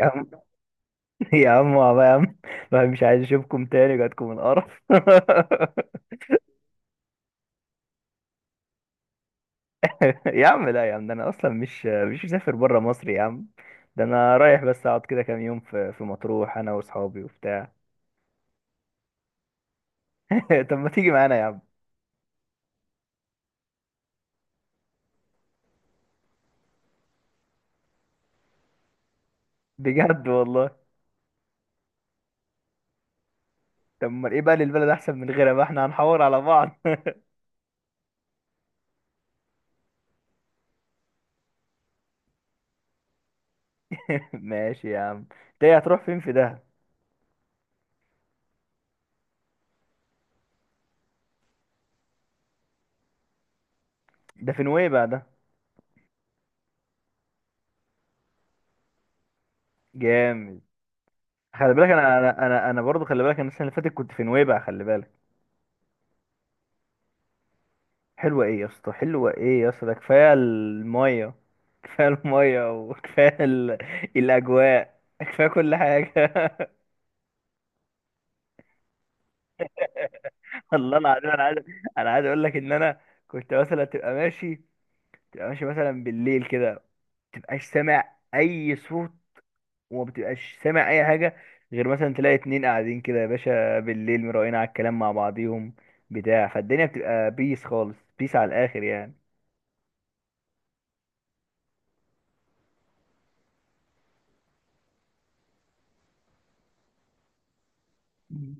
يا عم، يا عم والله يا عم، ما مش عايز اشوفكم تاني، جاتكم القرف. يا عم، لا يا عم، ده انا اصلا مش مسافر بره مصر يا عم. ده انا رايح بس اقعد كده كام يوم في مطروح انا واصحابي وبتاع. طب ما تيجي معانا يا عم؟ بجد والله؟ طب ما ايه بقى، للبلد احسن من غيرها بقى، احنا هنحور على بعض. ماشي يا عم. انت إيه، هتروح فين في ده؟ ده في نويبع ده؟ جامد. خلي بالك، أنا برضه، خلي بالك، انا السنه اللي فاتت كنت في نويبع، خلي بالك. حلوة ايه يا اسطى، حلوة ايه يا اسطى، ده كفاية المية، كفاية المية. وكفاية الأجواء، كفاية كل حاجة. الله العظيم، أنا عايز أقول لك إن أنا كنت مثلا تبقى ماشي مثلا بالليل كده، متبقاش سامع أي صوت، وما بتبقاش سامع أي حاجة، غير مثلا تلاقي اتنين قاعدين كده يا باشا بالليل مراقين على الكلام مع بعضيهم بتاع، فالدنيا بتبقى بيس خالص، بيس على الآخر يعني. مم.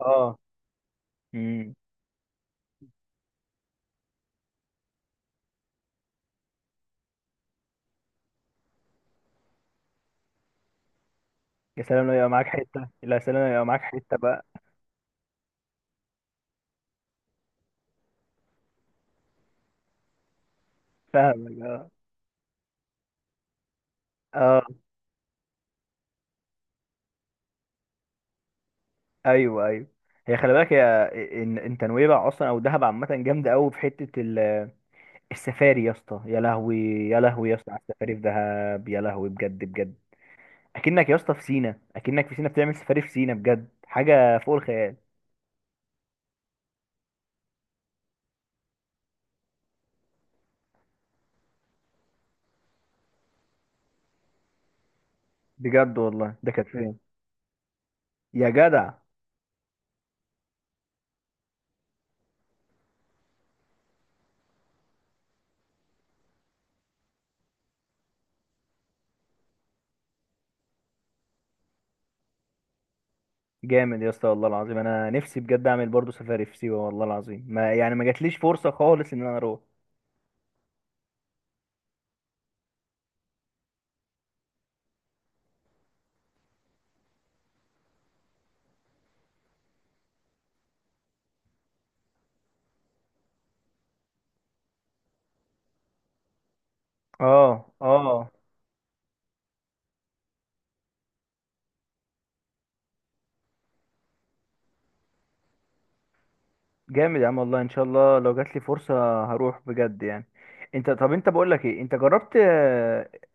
اه، يا سلام لو يبقى معاك حتة، لا يا سلام لو يبقى معاك حتة بقى. فاهمك، اه. اه، ايوه، ايوه. هي خلي بالك يا، ان انت نويبع اصلا او دهب عامة جامدة قوي في حتة السفاري يا اسطى، يا لهوي. يا لهوي يا اسطى على السفاري في دهب، يا لهوي، بجد بجد. اكنك يا اسطى في سينا، اكنك في سينا بتعمل سفاري في سينا، بجد حاجة فوق الخيال. بجد والله، ده كانت فين؟ يا جدع. جامد يا اسطى والله العظيم، انا نفسي بجد اعمل برضو سفاري في سيوة، والله العظيم ما يعني ما جاتليش فرصة خالص ان انا اروح. اه، اه. جامد يا عم، والله ان شاء الله لو جات لي فرصة هروح بجد يعني. انت، طب انت بقول لك ايه، انت جربت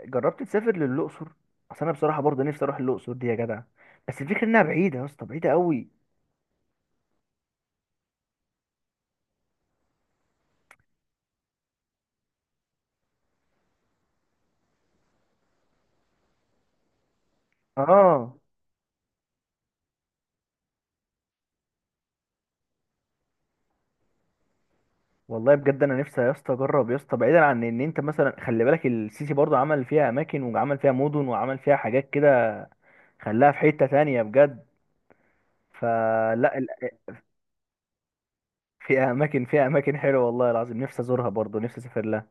جربت تسافر للاقصر؟ اصل انا بصراحة برضه نفسي اروح الاقصر دي يا جدع، بس الفكرة انها بعيدة يا اسطى، بعيدة قوي. اه والله بجد، انا نفسي يا اسطى اجرب يا اسطى، بعيدا عن ان انت مثلا، خلي بالك السيسي برضه عمل فيها اماكن وعمل فيها مدن وعمل فيها حاجات كده. خلاها في حتة تانية بجد. فلا ال- فيها اماكن حلوة والله العظيم، نفسي ازورها برضه، نفسي اسافر لها.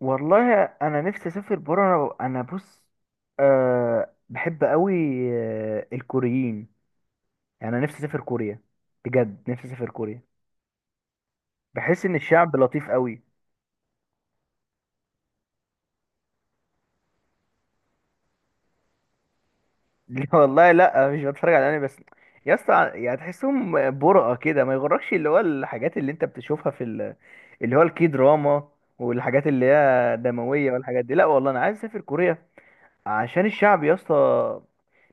والله انا نفسي اسافر بره، انا بص. أه، بحب قوي. آه، الكوريين. يعني انا نفسي اسافر كوريا، بجد نفسي اسافر كوريا. بحس ان الشعب لطيف قوي. لا والله، لا مش بتفرج على انمي بس. يا اسطى، يعني تحسهم برقة كده، ما يغركش اللي هو الحاجات اللي انت بتشوفها في اللي هو الكي دراما، والحاجات اللي هي دموية والحاجات دي، لا والله انا عايز اسافر كوريا عشان الشعب يا اسطى،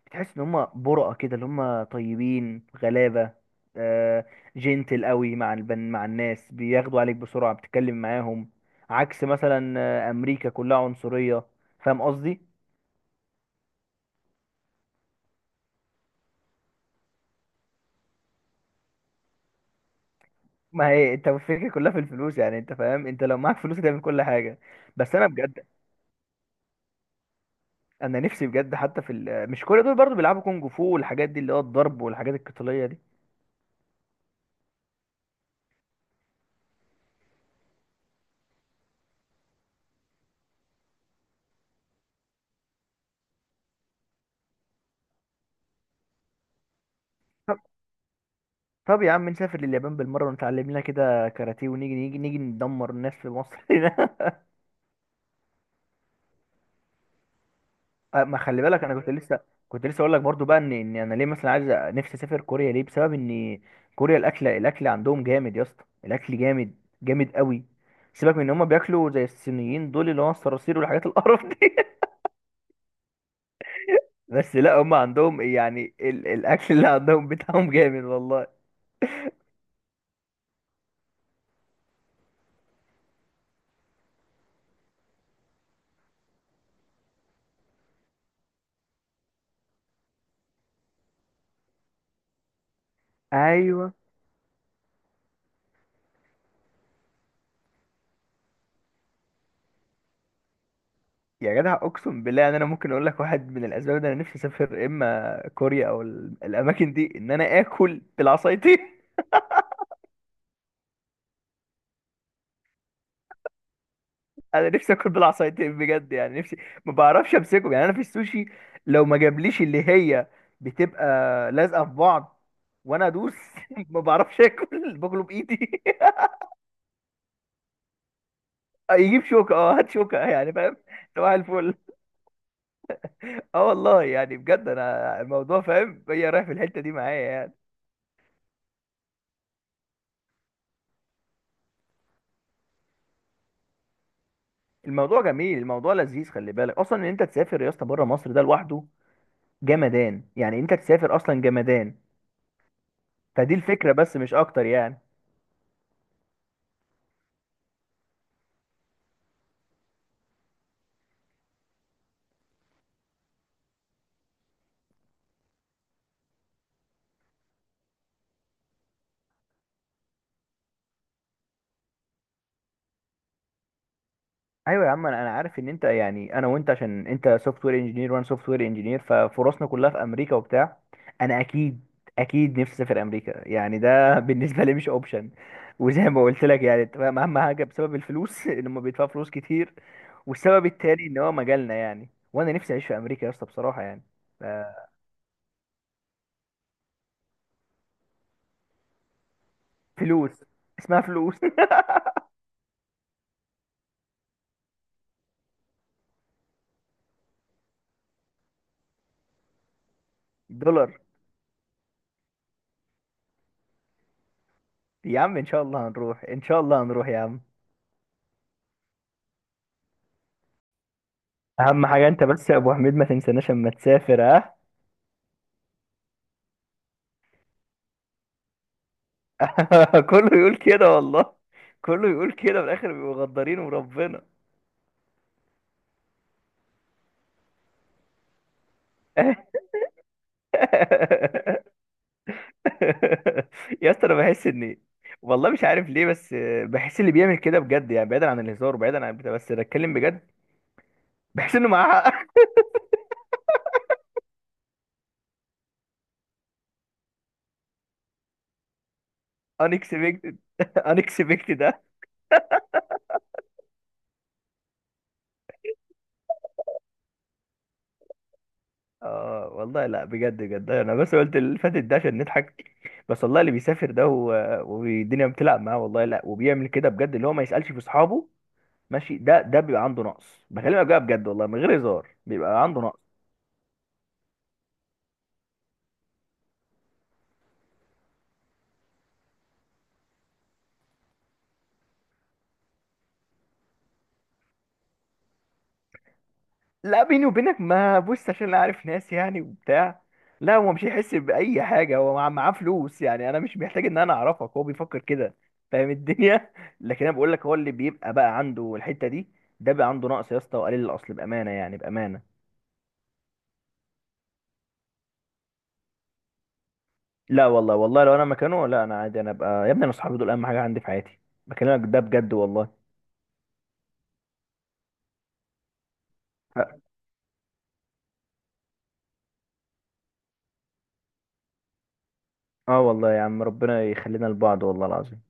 بتحس ان هم برقة كده، اللي هم طيبين غلابة، آه. جنتل قوي مع البن، مع الناس بياخدوا عليك بسرعة بتتكلم معاهم، عكس مثلا امريكا كلها عنصرية. فاهم قصدي؟ ما هي انت، الفكرة كلها في الفلوس يعني، انت فاهم، انت لو معاك فلوس تعمل كل حاجة. بس انا بجد، انا نفسي بجد حتى في مش كل دول برضو بيلعبوا كونج فو والحاجات دي، اللي هو الضرب والحاجات القتالية دي. طب يا عم نسافر لليابان بالمرة ونتعلم لنا كده كاراتيه، ونيجي نيجي نيجي ندمر الناس في مصر هنا. ما خلي بالك انا كنت لسه اقول لك برضو بقى، ان انا ليه مثلا عايز نفسي اسافر كوريا ليه، بسبب ان كوريا، الاكل عندهم جامد يا اسطى، الاكل جامد، جامد قوي. سيبك من ان هم بياكلوا زي الصينيين دول اللي هو الصراصير والحاجات القرف دي. بس لا، هم عندهم يعني الاكل اللي عندهم بتاعهم جامد والله. ايوه يا جدع، اقسم بالله ان انا ممكن اقول لك واحد من الاسباب، ده انا نفسي اسافر اما كوريا او الاماكن دي، ان انا اكل بالعصايتين. انا نفسي اكل بالعصايتين بجد، يعني نفسي. ما بعرفش امسكهم يعني، انا في السوشي لو ما جابليش اللي هي بتبقى لازقه في بعض وانا ادوس. ما بعرفش اكل باكله بايدي. يجيب شوكه، اه هات شوكه يعني، فاهم؟ صباح الفل. اه والله يعني بجد، انا الموضوع فاهم هي رايح في الحته دي معايا يعني. الموضوع جميل، الموضوع لذيذ، خلي بالك اصلا ان انت تسافر يا اسطى بره مصر ده لوحده، جمدان يعني، انت تسافر اصلا جمدان. فدي الفكره بس مش اكتر يعني. ايوه يا عم، أنا عارف ان انت، يعني انا وانت عشان انت سوفت وير انجينير وانا سوفت وير انجينير، ففرصنا كلها في امريكا وبتاع. انا اكيد، اكيد نفسي اسافر امريكا يعني، ده بالنسبه لي مش اوبشن. وزي ما قلت لك يعني، أنت فاهم، اهم حاجه بسبب الفلوس، ان هم بيدفعوا فلوس كتير، والسبب التاني ان هو مجالنا يعني، وانا نفسي اعيش في امريكا يا اسطى بصراحه يعني. فلوس، اسمها فلوس. دولار. يا عم ان شاء الله هنروح، ان شاء الله هنروح يا عم. اهم حاجه، انت بس يا ابو حميد ما تنساناش اما تسافر، ها؟ كله يقول كده والله، كله يقول كده، في الاخر بيبقوا غدارين وربنا. يا اسطى، انا بحس ان، والله مش عارف ليه، بس بحس اللي بيعمل كده بجد، يعني بعيدا عن الهزار وبعيدا عن بتاع، بس بتكلم بجد، بحس انه معاه حق. unexpected. unexpected. اه والله، لا بجد بجد، انا بس قلت اللي فاتت ده عشان نضحك، بس والله اللي بيسافر ده والدنيا بتلعب معاه والله، لا وبيعمل كده بجد اللي هو ما يسألش في اصحابه، ماشي، ده بيبقى عنده نقص، بكلمك بقى بجد والله من غير هزار، بيبقى عنده نقص. لا بيني وبينك، ما بص عشان انا عارف ناس يعني وبتاع، لا هو مش هيحس بأي حاجة، هو معاه فلوس يعني، انا مش محتاج ان انا اعرفك هو بيفكر كده، فاهم الدنيا. لكن انا بقول لك، هو اللي بيبقى بقى عنده الحتة دي، ده بقى عنده نقص يا اسطى، وقليل الاصل بأمانة يعني، بأمانة. لا والله، والله لو انا مكانه، لا انا عادي، انا ابقى يا ابني، انا صحابي دول اهم حاجه عندي في حياتي، بكلمك ده بجد والله. ف- اه والله يا عم، ربنا يخلينا لبعض والله العظيم.